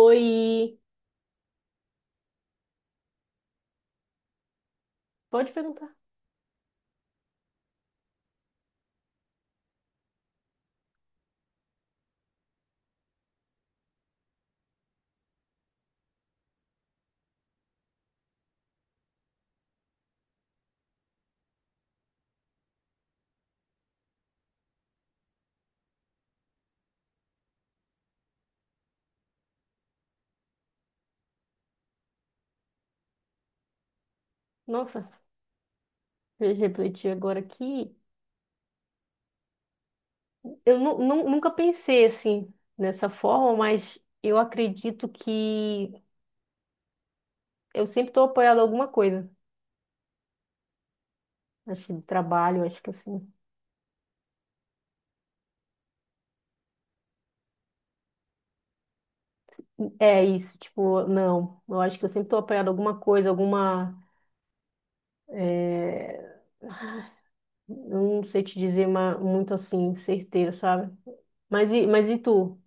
Oi, pode perguntar. Nossa, veja, refleti agora aqui. Eu nunca pensei assim, nessa forma, mas eu acredito que eu sempre estou apoiada a alguma coisa. Acho que trabalho, acho que assim. É isso, tipo, não. Eu acho que eu sempre estou apoiada a alguma coisa, alguma. é, Não sei te dizer muito assim, certeiro, sabe? Mas e tu?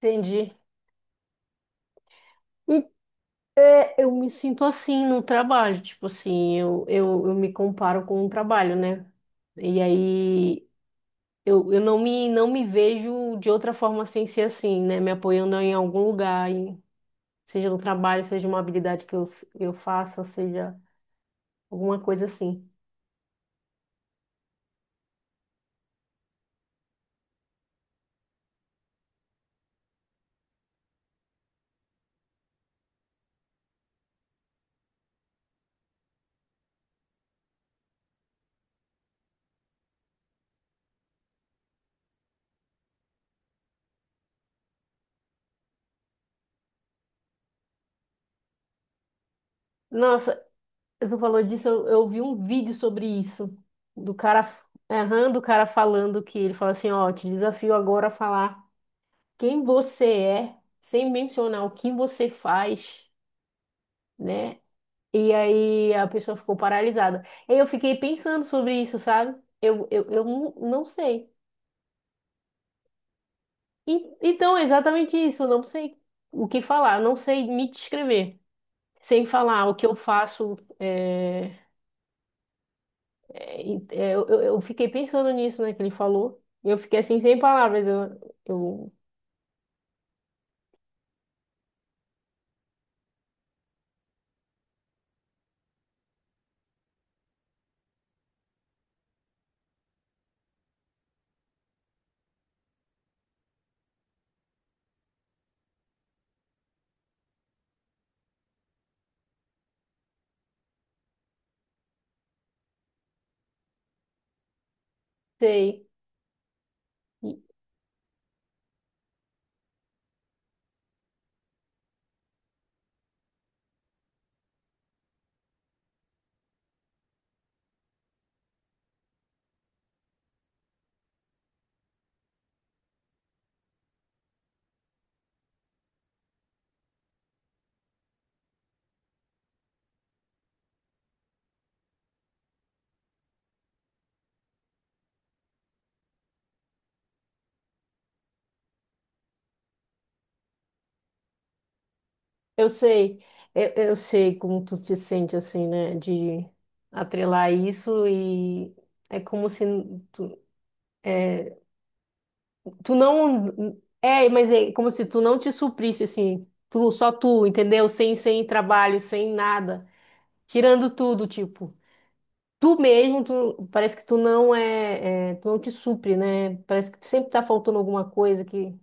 Entendi. É, eu me sinto assim no trabalho, tipo assim, eu me comparo com o trabalho, né? E aí eu não me vejo de outra forma sem ser assim, né? Me apoiando em algum lugar, seja no trabalho, seja uma habilidade que eu faça, seja alguma coisa assim. Nossa, tu falou disso, eu vi um vídeo sobre isso, do cara, errando, o cara falando que ele fala assim, ó, te desafio agora a falar quem você é, sem mencionar o que você faz, né? E aí a pessoa ficou paralisada. Aí eu fiquei pensando sobre isso, sabe? Eu não sei. E então, é exatamente isso, eu não sei o que falar, eu não sei me descrever. Sem falar o que eu faço, eu fiquei pensando nisso, né, que ele falou. E eu fiquei assim, sem palavras, sei, eu sei, eu sei como tu te sente, assim, né, de atrelar isso e é como se tu tu não é, mas é como se tu não te suprisse assim, tu só tu, entendeu? Sem trabalho, sem nada, tirando tudo, tipo, tu mesmo, tu parece que tu não te supre, né? Parece que sempre tá faltando alguma coisa que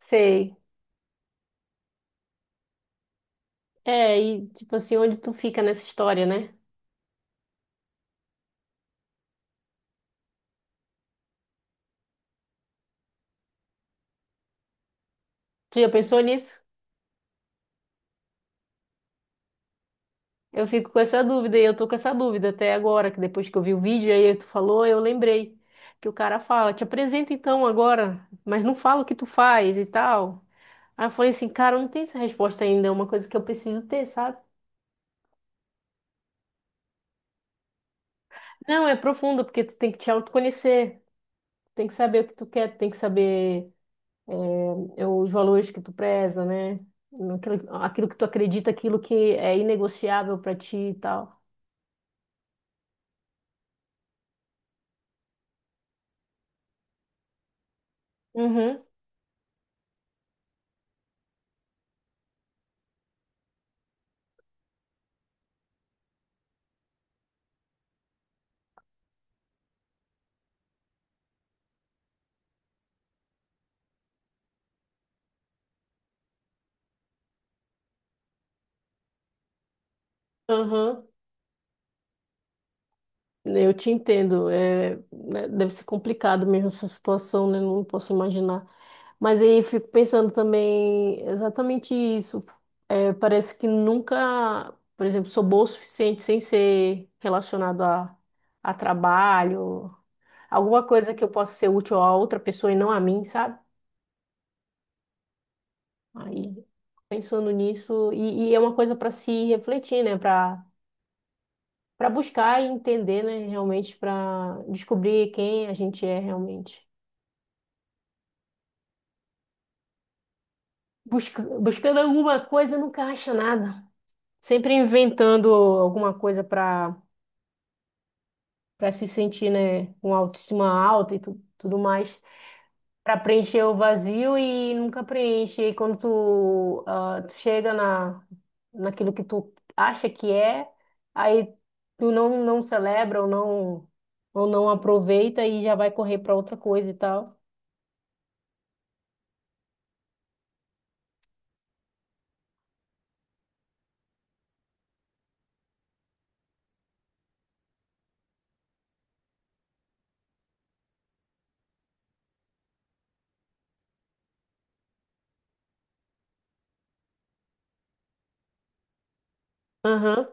sei. É, e tipo assim, onde tu fica nessa história, né? Tu já pensou nisso? Eu fico com essa dúvida e eu tô com essa dúvida até agora, que depois que eu vi o vídeo aí tu falou, eu lembrei que o cara fala, te apresenta então agora, mas não fala o que tu faz e tal. Aí eu falei assim, cara, eu não tem essa resposta ainda, é uma coisa que eu preciso ter, sabe? Não, é profunda, porque tu tem que te autoconhecer, tem que saber o que tu quer, tem que saber eh, os valores que tu preza, né? Aquilo que tu acredita, aquilo que é inegociável pra ti e tal. Uhum, aham. Eu te entendo, é, né, deve ser complicado mesmo essa situação, né? Não posso imaginar. Mas aí eu fico pensando também exatamente isso. É, parece que nunca, por exemplo, sou boa o suficiente sem ser relacionado a trabalho, alguma coisa que eu possa ser útil a outra pessoa e não a mim, sabe? Aí pensando nisso, e é uma coisa para se refletir, né? Para buscar e entender, né? Realmente, para descobrir quem a gente é realmente. Buscando alguma coisa, nunca acha nada. Sempre inventando alguma coisa para se sentir, né, com autoestima alta e tudo mais, para preencher o vazio e nunca preenche. E aí quando tu, ah, tu chega na naquilo que tu acha que é, aí tu não celebra ou não aproveita e já vai correr para outra coisa e tal. Aham.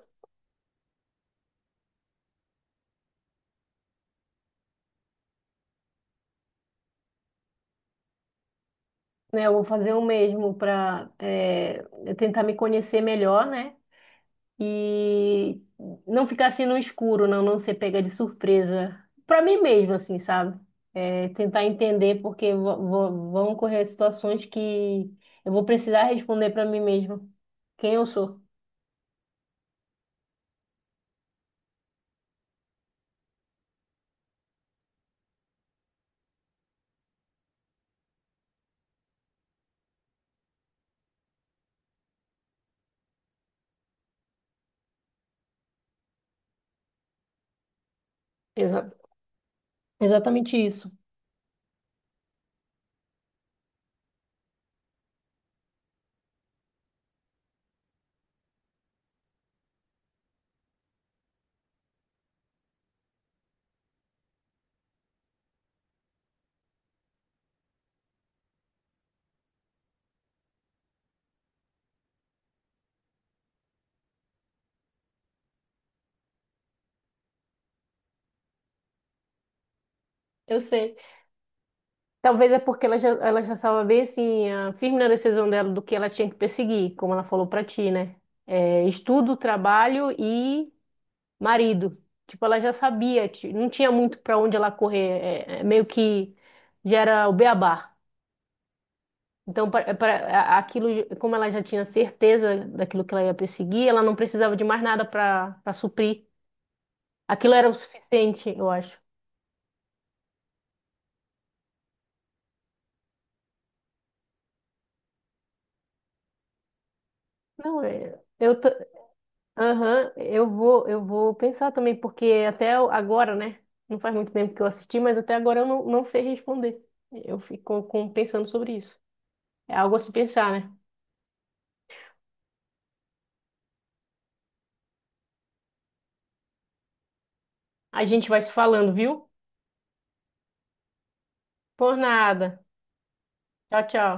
Né, eu vou fazer o mesmo para tentar me conhecer melhor, né? E não ficar assim no escuro, não ser pega de surpresa. Pra mim mesmo, assim, sabe? É, tentar entender, porque vão ocorrer situações que eu vou precisar responder pra mim mesmo quem eu sou. Exa- Exatamente isso. Eu sei. Talvez é porque ela já estava bem assim, ah, firme na decisão dela do que ela tinha que perseguir, como ela falou pra ti, né? É, estudo, trabalho e marido. Tipo, ela já sabia, não tinha muito para onde ela correr, é meio que já era o beabá. Então, para aquilo, como ela já tinha certeza daquilo que ela ia perseguir, ela não precisava de mais nada para suprir. Aquilo era o suficiente, eu acho. Não, aham, eu vou pensar também, porque agora, né? Não faz muito tempo que eu assisti, mas até agora eu não, não sei responder. Eu fico pensando sobre isso. É algo a se pensar, né? A gente vai se falando, viu? Por nada. Tchau, tchau.